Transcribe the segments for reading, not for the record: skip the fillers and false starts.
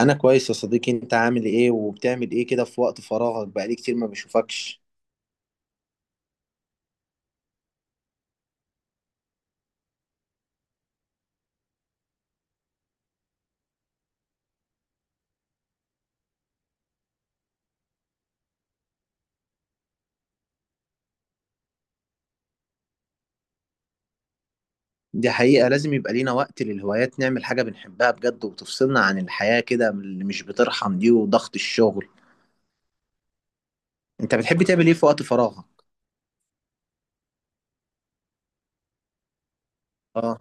انا كويس يا صديقي. انت عامل ايه وبتعمل ايه كده في وقت فراغك؟ بقالي كتير ما بشوفكش. دي حقيقة، لازم يبقى لينا وقت للهوايات نعمل حاجة بنحبها بجد وتفصلنا عن الحياة كده من اللي مش بترحم دي وضغط الشغل. انت بتحب تعمل ايه في وقت فراغك؟ اه.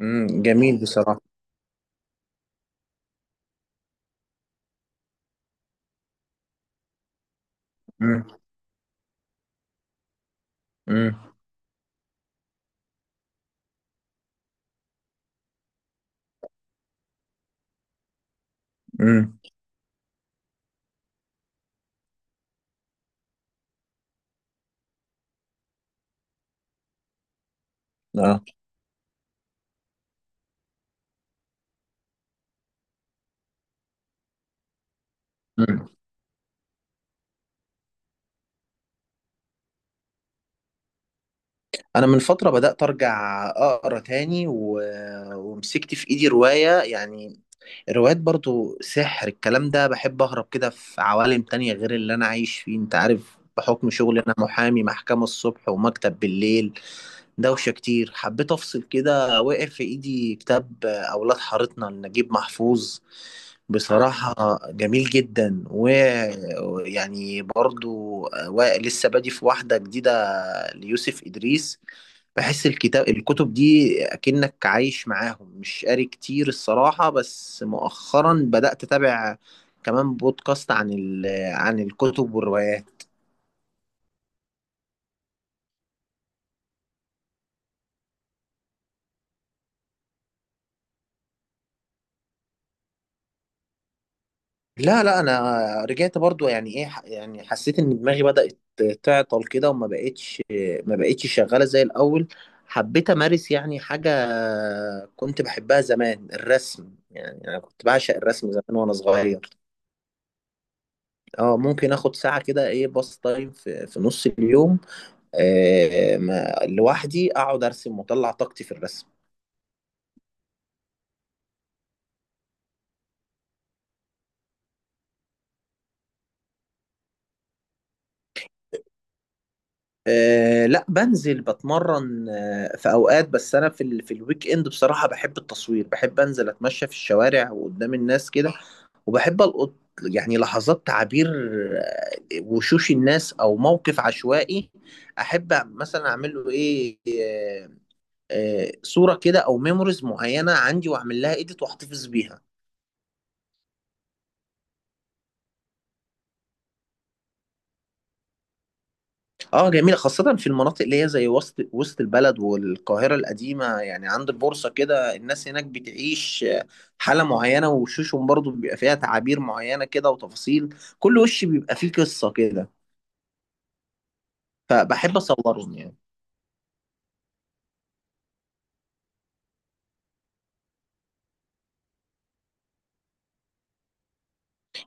جميل بصراحة. امم. امم. امم. اه. امم. انا من فترة بدأت ارجع اقرا تاني ومسكت في ايدي رواية يعني. الروايات برضو سحر الكلام ده، بحب أهرب كده في عوالم تانية غير اللي أنا عايش فيه. أنت عارف، بحكم شغلي أنا محامي، محكمة الصبح ومكتب بالليل، دوشة كتير، حبيت أفصل كده. وقع في إيدي كتاب أولاد حارتنا لنجيب محفوظ. بصراحة جميل جدا، ويعني برضو لسه بادي في واحدة جديدة ليوسف إدريس. بحس الكتب دي اكنك عايش معاهم، مش قاري كتير الصراحة، بس مؤخرا بدأت أتابع كمان بودكاست عن الكتب والروايات. لا، لا، انا رجعت برضو، يعني ايه، يعني حسيت ان دماغي بدأت تعطل كده، وما بقتش ما بقتش شغالة زي الاول. حبيت امارس يعني حاجة كنت بحبها زمان، الرسم، يعني انا كنت بعشق الرسم زمان وانا صغير. اه، ممكن اخد ساعة كده، ايه، باص تايم في نص اليوم. ما لوحدي اقعد ارسم واطلع طاقتي في الرسم. لا، بنزل بتمرن في اوقات، بس انا في الويك اند بصراحة بحب التصوير، بحب انزل اتمشى في الشوارع وقدام الناس كده. وبحب القط، يعني لحظات تعبير، آه، وشوش الناس او موقف عشوائي. احب مثلا اعمل له ايه، صورة كده، او ميموريز معينة عندي واعمل لها ايديت واحتفظ بيها. اه، جميلة، خاصة في المناطق اللي هي زي وسط البلد والقاهرة القديمة، يعني عند البورصة كده. الناس هناك بتعيش حالة معينة، وشوشهم برضو بيبقى فيها تعابير معينة كده، وتفاصيل كل وش بيبقى فيه قصة كده. فبحب أصورهم يعني.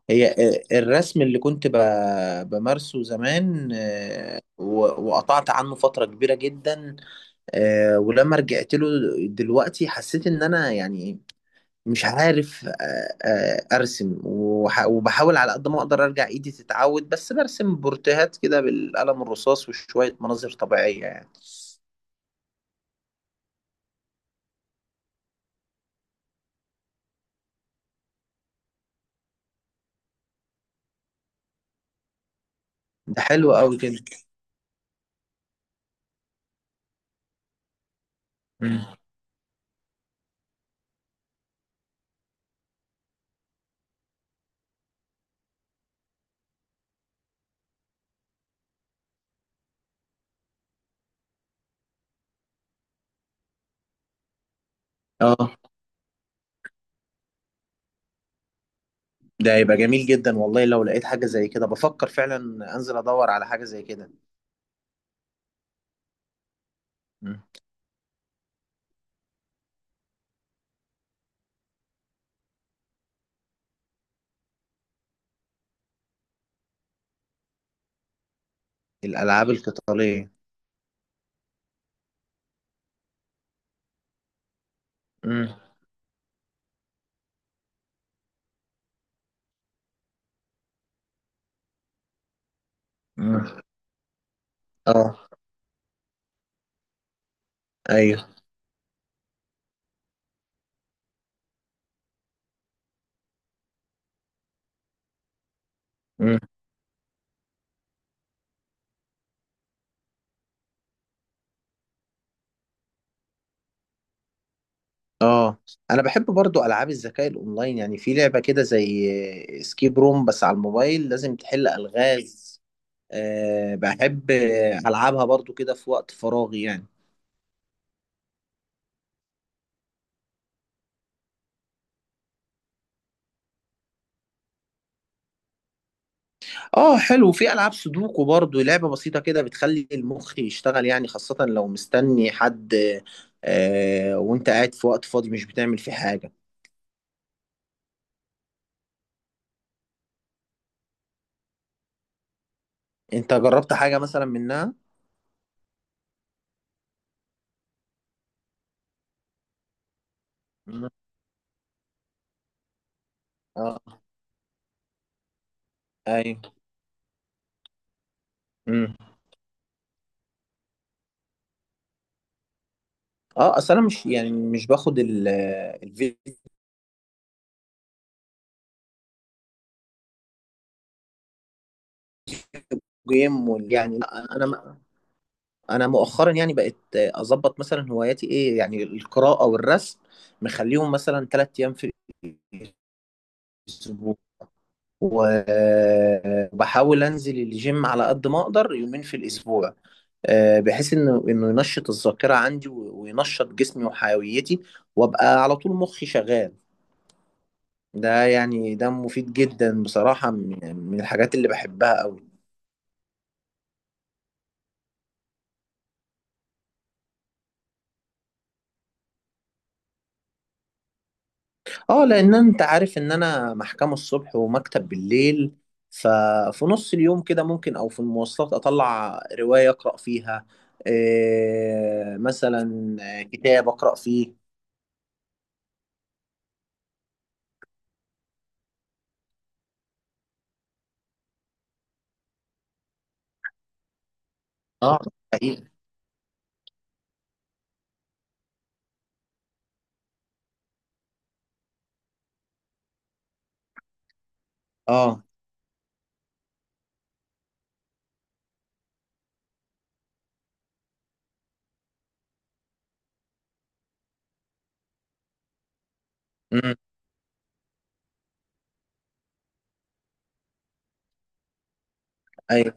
هي الرسم اللي كنت بمارسه زمان، و- وقطعت عنه فترة كبيرة جدا. ولما رجعت له دلوقتي حسيت إن أنا يعني مش عارف، ارسم وبحاول على قد ما اقدر ارجع ايدي تتعود، بس برسم بورتيهات كده بالقلم الرصاص وشوية مناظر طبيعية يعني. ده حلو قوي كده. مم. اه. ده يبقى جميل جدا والله، لو لقيت حاجة زي كده بفكر فعلا انزل ادور على حاجة زي كده. مم. الالعاب القتالية؟ مم. مم. اه. ايوه. اه. انا بحب برضو العاب الذكاء الاونلاين، يعني في لعبه كده زي سكيب روم بس على الموبايل، لازم تحل الغاز. أه، بحب العبها برضو كده في وقت فراغي يعني. اه، حلو، في العاب سودوكو برضو، لعبه بسيطه كده بتخلي المخ يشتغل، يعني خاصه لو مستني حد. أه، وانت قاعد في وقت فاضي مش بتعمل فيه حاجه. انت جربت حاجه مثلا منها؟ مم. اه. ايوه. مم. اه، اصل انا مش، يعني مش باخد جيم يعني لا، انا مؤخرا يعني بقيت اظبط مثلا هواياتي ايه، يعني القراءه والرسم، مخليهم مثلا 3 ايام في الاسبوع. و- وبحاول انزل الجيم على قد ما اقدر يومين في الاسبوع، بحيث انه ينشط الذاكره عندي وينشط جسمي وحيويتي، وابقى على طول مخي شغال. ده مفيد جدا بصراحه، من الحاجات اللي بحبها قوي. اه، لان انت عارف ان انا محكمة الصبح ومكتب بالليل. ففي نص اليوم كده ممكن، او في المواصلات اطلع رواية اقرأ فيها، إيه مثلا، كتاب اقرأ فيه. اه. حقيقي. اه. امم. ايوه.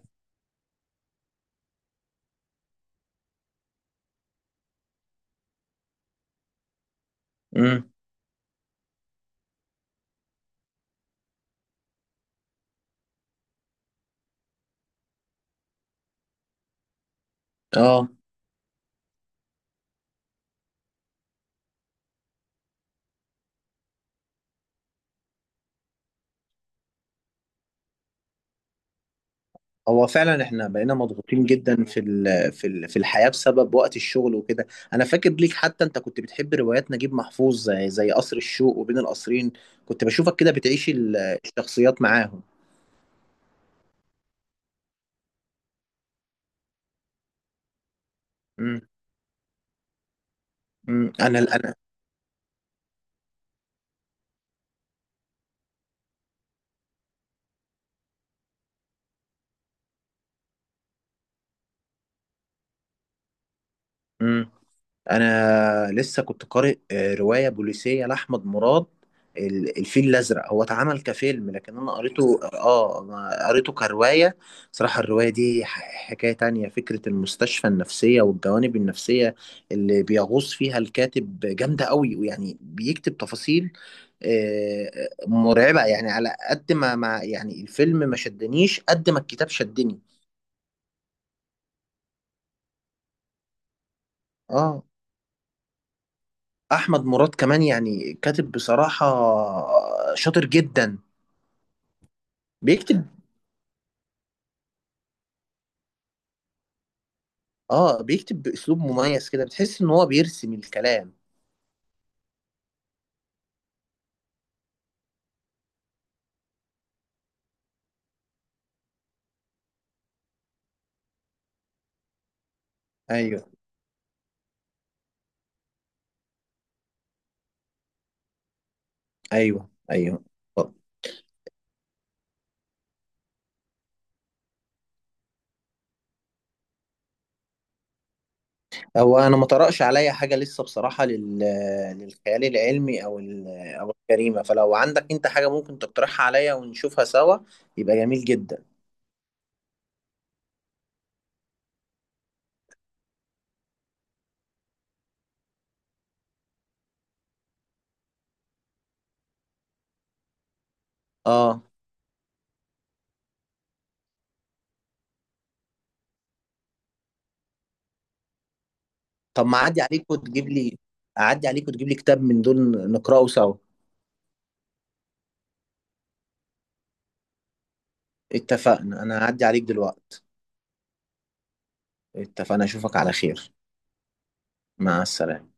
امم. اه. هو فعلا احنا بقينا مضغوطين جدا في الحياة بسبب وقت الشغل وكده. انا فاكر ليك حتى انت كنت بتحب روايات نجيب محفوظ زي قصر الشوق وبين القصرين. كنت بشوفك كده بتعيش ال- الشخصيات معاهم. مم. انا. مم. انا لسه كنت قارئ روايه بوليسيه لاحمد مراد. ال- الفيل الازرق هو اتعمل كفيلم، لكن انا قريته، أنا قريته كروايه. صراحه الروايه دي حكايه تانية، فكره المستشفى النفسيه والجوانب النفسيه اللي بيغوص فيها الكاتب جامده قوي، ويعني بيكتب تفاصيل آه، مرعبه، يعني على قد ما يعني الفيلم ما شدنيش قد ما الكتاب شدني. اه، احمد مراد كمان يعني كاتب بصراحه شاطر جدا. بيكتب اه بيكتب باسلوب مميز كده، بتحس ان هو بيرسم الكلام. ايوه، ايوه، ايوه. هو انا ما طرقش عليا حاجه لسه بصراحه لل... للخيال العلمي، او او الجريمه. فلو عندك انت حاجه ممكن تقترحها عليا ونشوفها سوا يبقى جميل جدا. اه، طب ما اعدي عليك وتجيب لي اعدي عليك وتجيب لي كتاب من دول نقراه سوا. اتفقنا، انا هعدي عليك دلوقتي. اتفقنا، اشوفك على خير. مع السلامة.